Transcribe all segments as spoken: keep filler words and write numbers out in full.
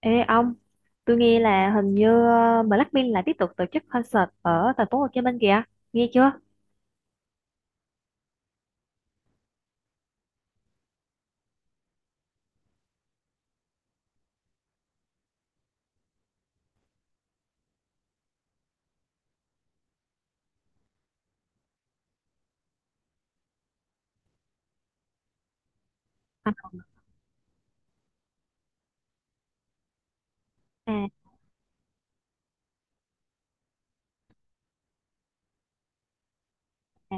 Ê ông, tôi nghe là hình như ờ, Blackpink lại tiếp tục tổ chức concert ở thành phố Hồ Chí Minh kìa, nghe chưa? À, à, à,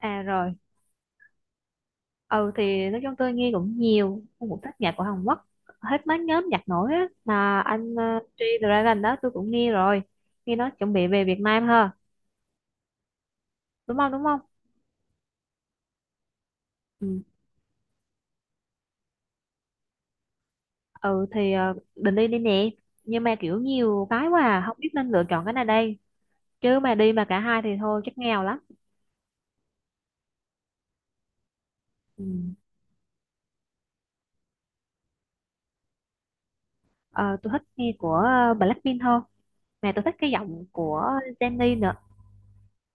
à rồi, ừ thì nói chung tôi nghe cũng nhiều, tôi cũng thích nhạc của Hàn Quốc, hết mấy nhóm nhạc nổi á, mà anh ờ, G-Dragon đó tôi cũng nghe rồi, nghe nói chuẩn bị về Việt Nam ha, đúng không, đúng không? Ừ, ừ thì ờ, định đi đi nè, nhưng mà kiểu nhiều cái quá à, không biết nên lựa chọn cái nào đây, chứ mà đi mà cả hai thì thôi chắc nghèo lắm. Ừ. Ờ, tôi thích nghe của ờ, Blackpink hơn, mà tôi thích cái giọng của Jennie nữa,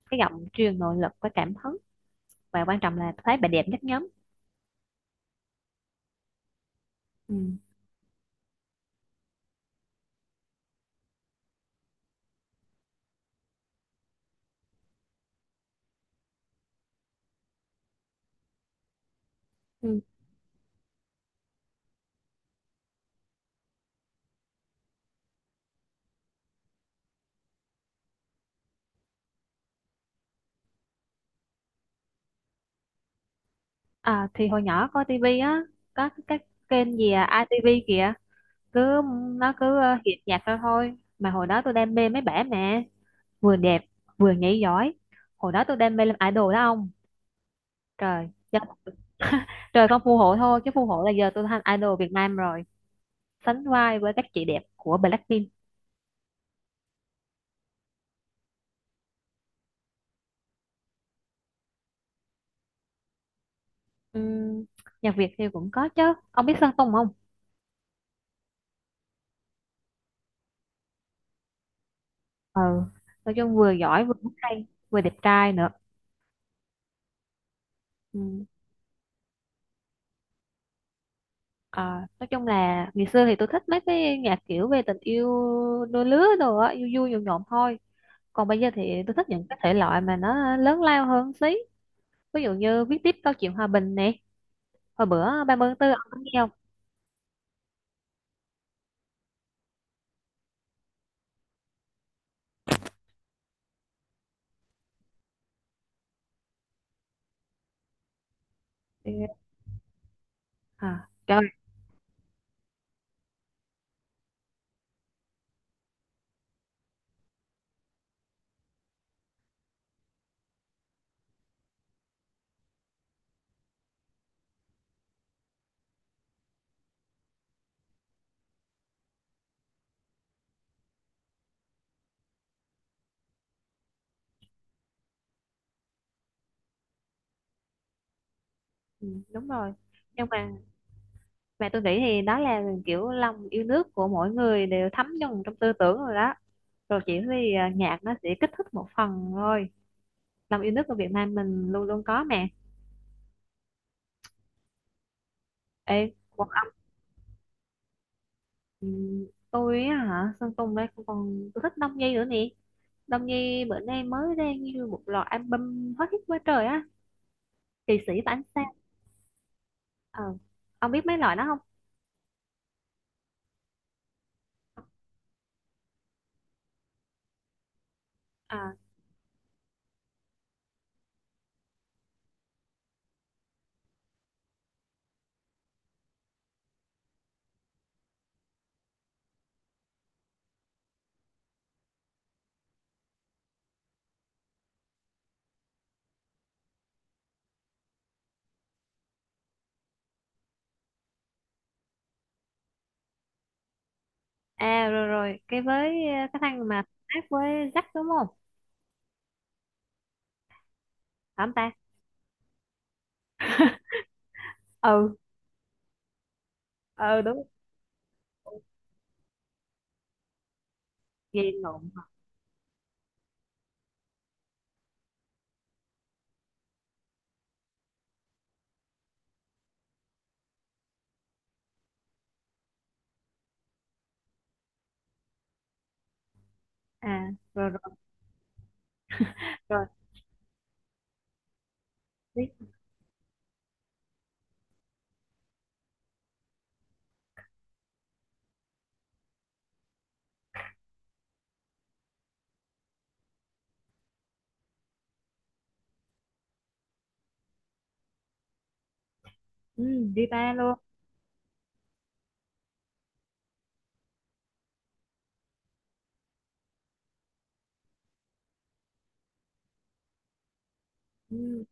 cái giọng truyền nội lực và cảm hứng, và quan trọng là tôi thấy bà đẹp nhất nhóm. Ừ. Ừ. À, thì hồi nhỏ coi tivi á, có cái cái kênh gì à, i tê vê kìa, cứ nó cứ ờ, hiện nhạc ra thôi, mà hồi đó tôi đam mê mấy bả mà vừa đẹp vừa nhảy giỏi, hồi đó tôi đam mê làm idol đó ông. Trời do- trời không phù hộ thôi chứ phù hộ là giờ tôi thành idol Việt Nam rồi, sánh vai với các chị đẹp của Blackpink. Ừm, nhạc Việt thì cũng có chứ, ông biết Sơn Tùng không? Ừ, nói chung vừa giỏi vừa hay vừa đẹp trai nữa. Ừm, à, nói chung là ngày xưa thì tôi thích mấy cái nhạc kiểu về tình yêu đôi lứa đồ á, vui vui nhộn nhộn thôi, còn bây giờ thì tôi thích những cái thể loại mà nó lớn lao hơn xí, ví dụ như viết tiếp câu chuyện hòa bình nè, hồi bữa ba mươi tháng tư ông có nghe không? Ừ. À trời. Ừ, đúng rồi, nhưng mà mà tôi nghĩ thì đó là kiểu lòng yêu nước của mỗi người đều thấm nhuần trong tư tưởng rồi đó, rồi chỉ vì à, nhạc nó sẽ kích thích một phần thôi, lòng yêu nước của Việt Nam mình luôn luôn có mà. Ê còn ông- tôi á hả? Sơn Tùng đây, còn tôi thích Đông Nhi nữa nè, Đông Nhi bữa nay mới ra như một loạt album hot hit quá trời á, Kỳ sĩ và ánh sao. ờ ông biết mấy loại đó không? À, à rồi rồi cái với ờ, cái thằng mà hát với Jack, đúng không? Phải không ta? Ừ, ừ đúng. Gì lộn hả? À rồi rồi rồi biết. Ừ, guitar luôn. Ừ.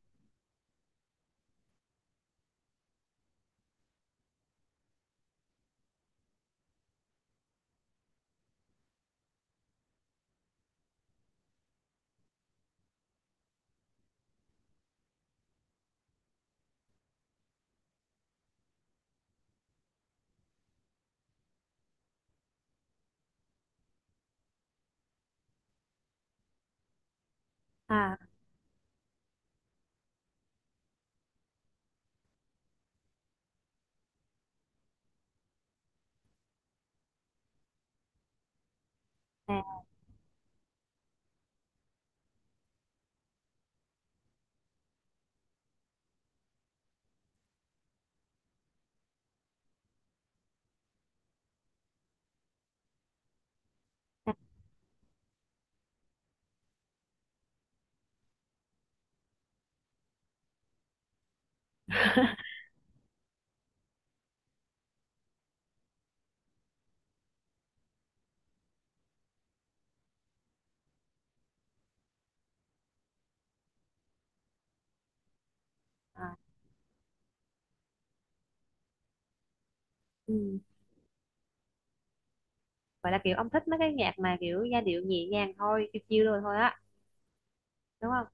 À à à. Ừ. Vậy là kiểu ông thích mấy cái nhạc mà kiểu giai điệu nhẹ nhàng thôi, chill chill rồi thôi á, đúng không?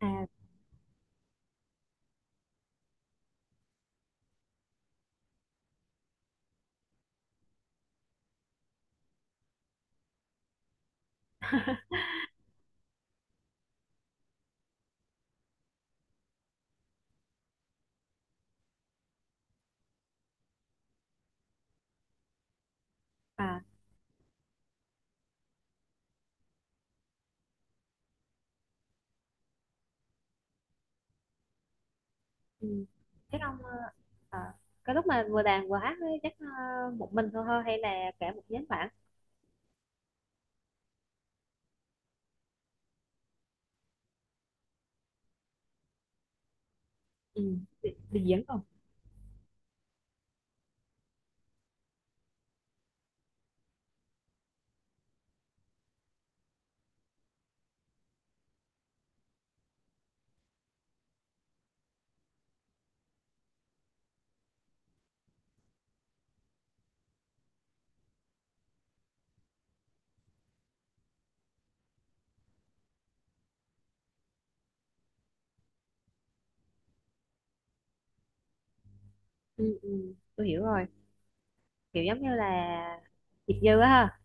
À à, ừ. Chắc ông ờ, à, cái lúc mà vừa đàn vừa hát ấy, chắc ờ, một mình thôi thôi hay là cả một nhóm bạn? Ừ. Đi diễn không? Ừ, ừ. Tôi hiểu rồi. Kiểu giống như là Diệp Dư á ha.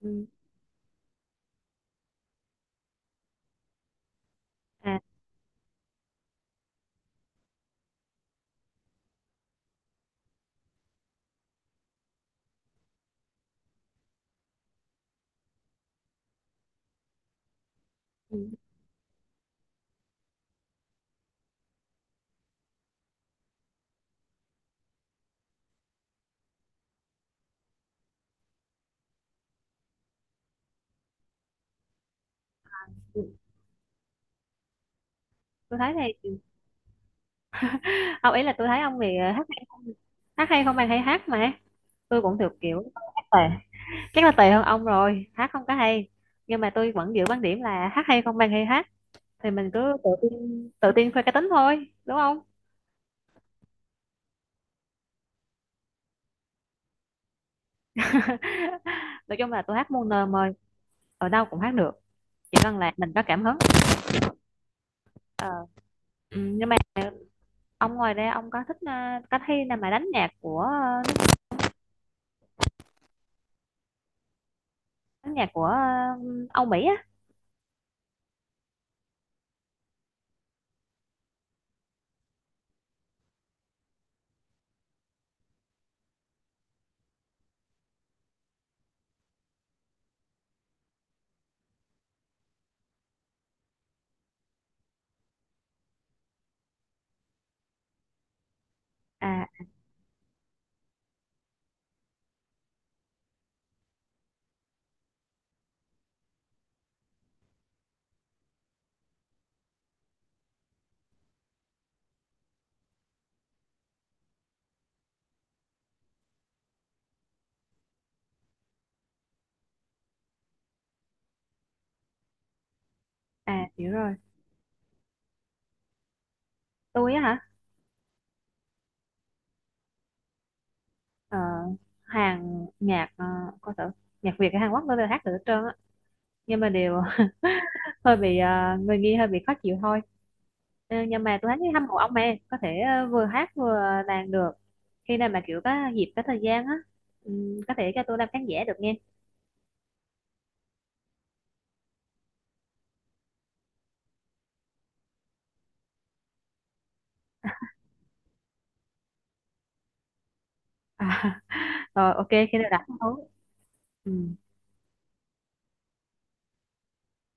Ừ. À ừ. Ừ. Tôi thấy này, ông ý là tôi thấy ông thì ờ, hát hay không, hát hay không bằng hay hát mà, tôi cũng thuộc kiểu hát tệ, chắc là tùy hơn ông rồi hát không có hay, nhưng mà tôi vẫn giữ quan điểm là hát hay không bằng hay hát, thì mình cứ tự tin tự tin khoe cá tính thôi đúng không? Nói chung là tôi hát muôn nơi mời, ở đâu cũng hát được, chỉ cần là mình có cảm hứng. Ờ. Ừ, nhưng mà ông ngoài ra ông có thích à, có thi nào mà đánh nhạc của à, nước- đánh nhạc của à, Âu Mỹ á? À à, hiểu rồi. Tôi á hả? Ờ, hàng nhạc à, coi thử, nhạc Việt hay Hàn Quốc tôi đều hát được hết trơn á, nhưng mà đều hơi bị à, người nghi hơi bị khó chịu thôi. Ờ, nhưng mà tôi thấy hâm mộ ông em có thể ờ, vừa hát vừa đàn được, khi nào mà kiểu có dịp có thời gian á, ừm, có thể cho tôi làm khán giả được nghe. À, rồi ok khi nào đặt hứng. Ừ.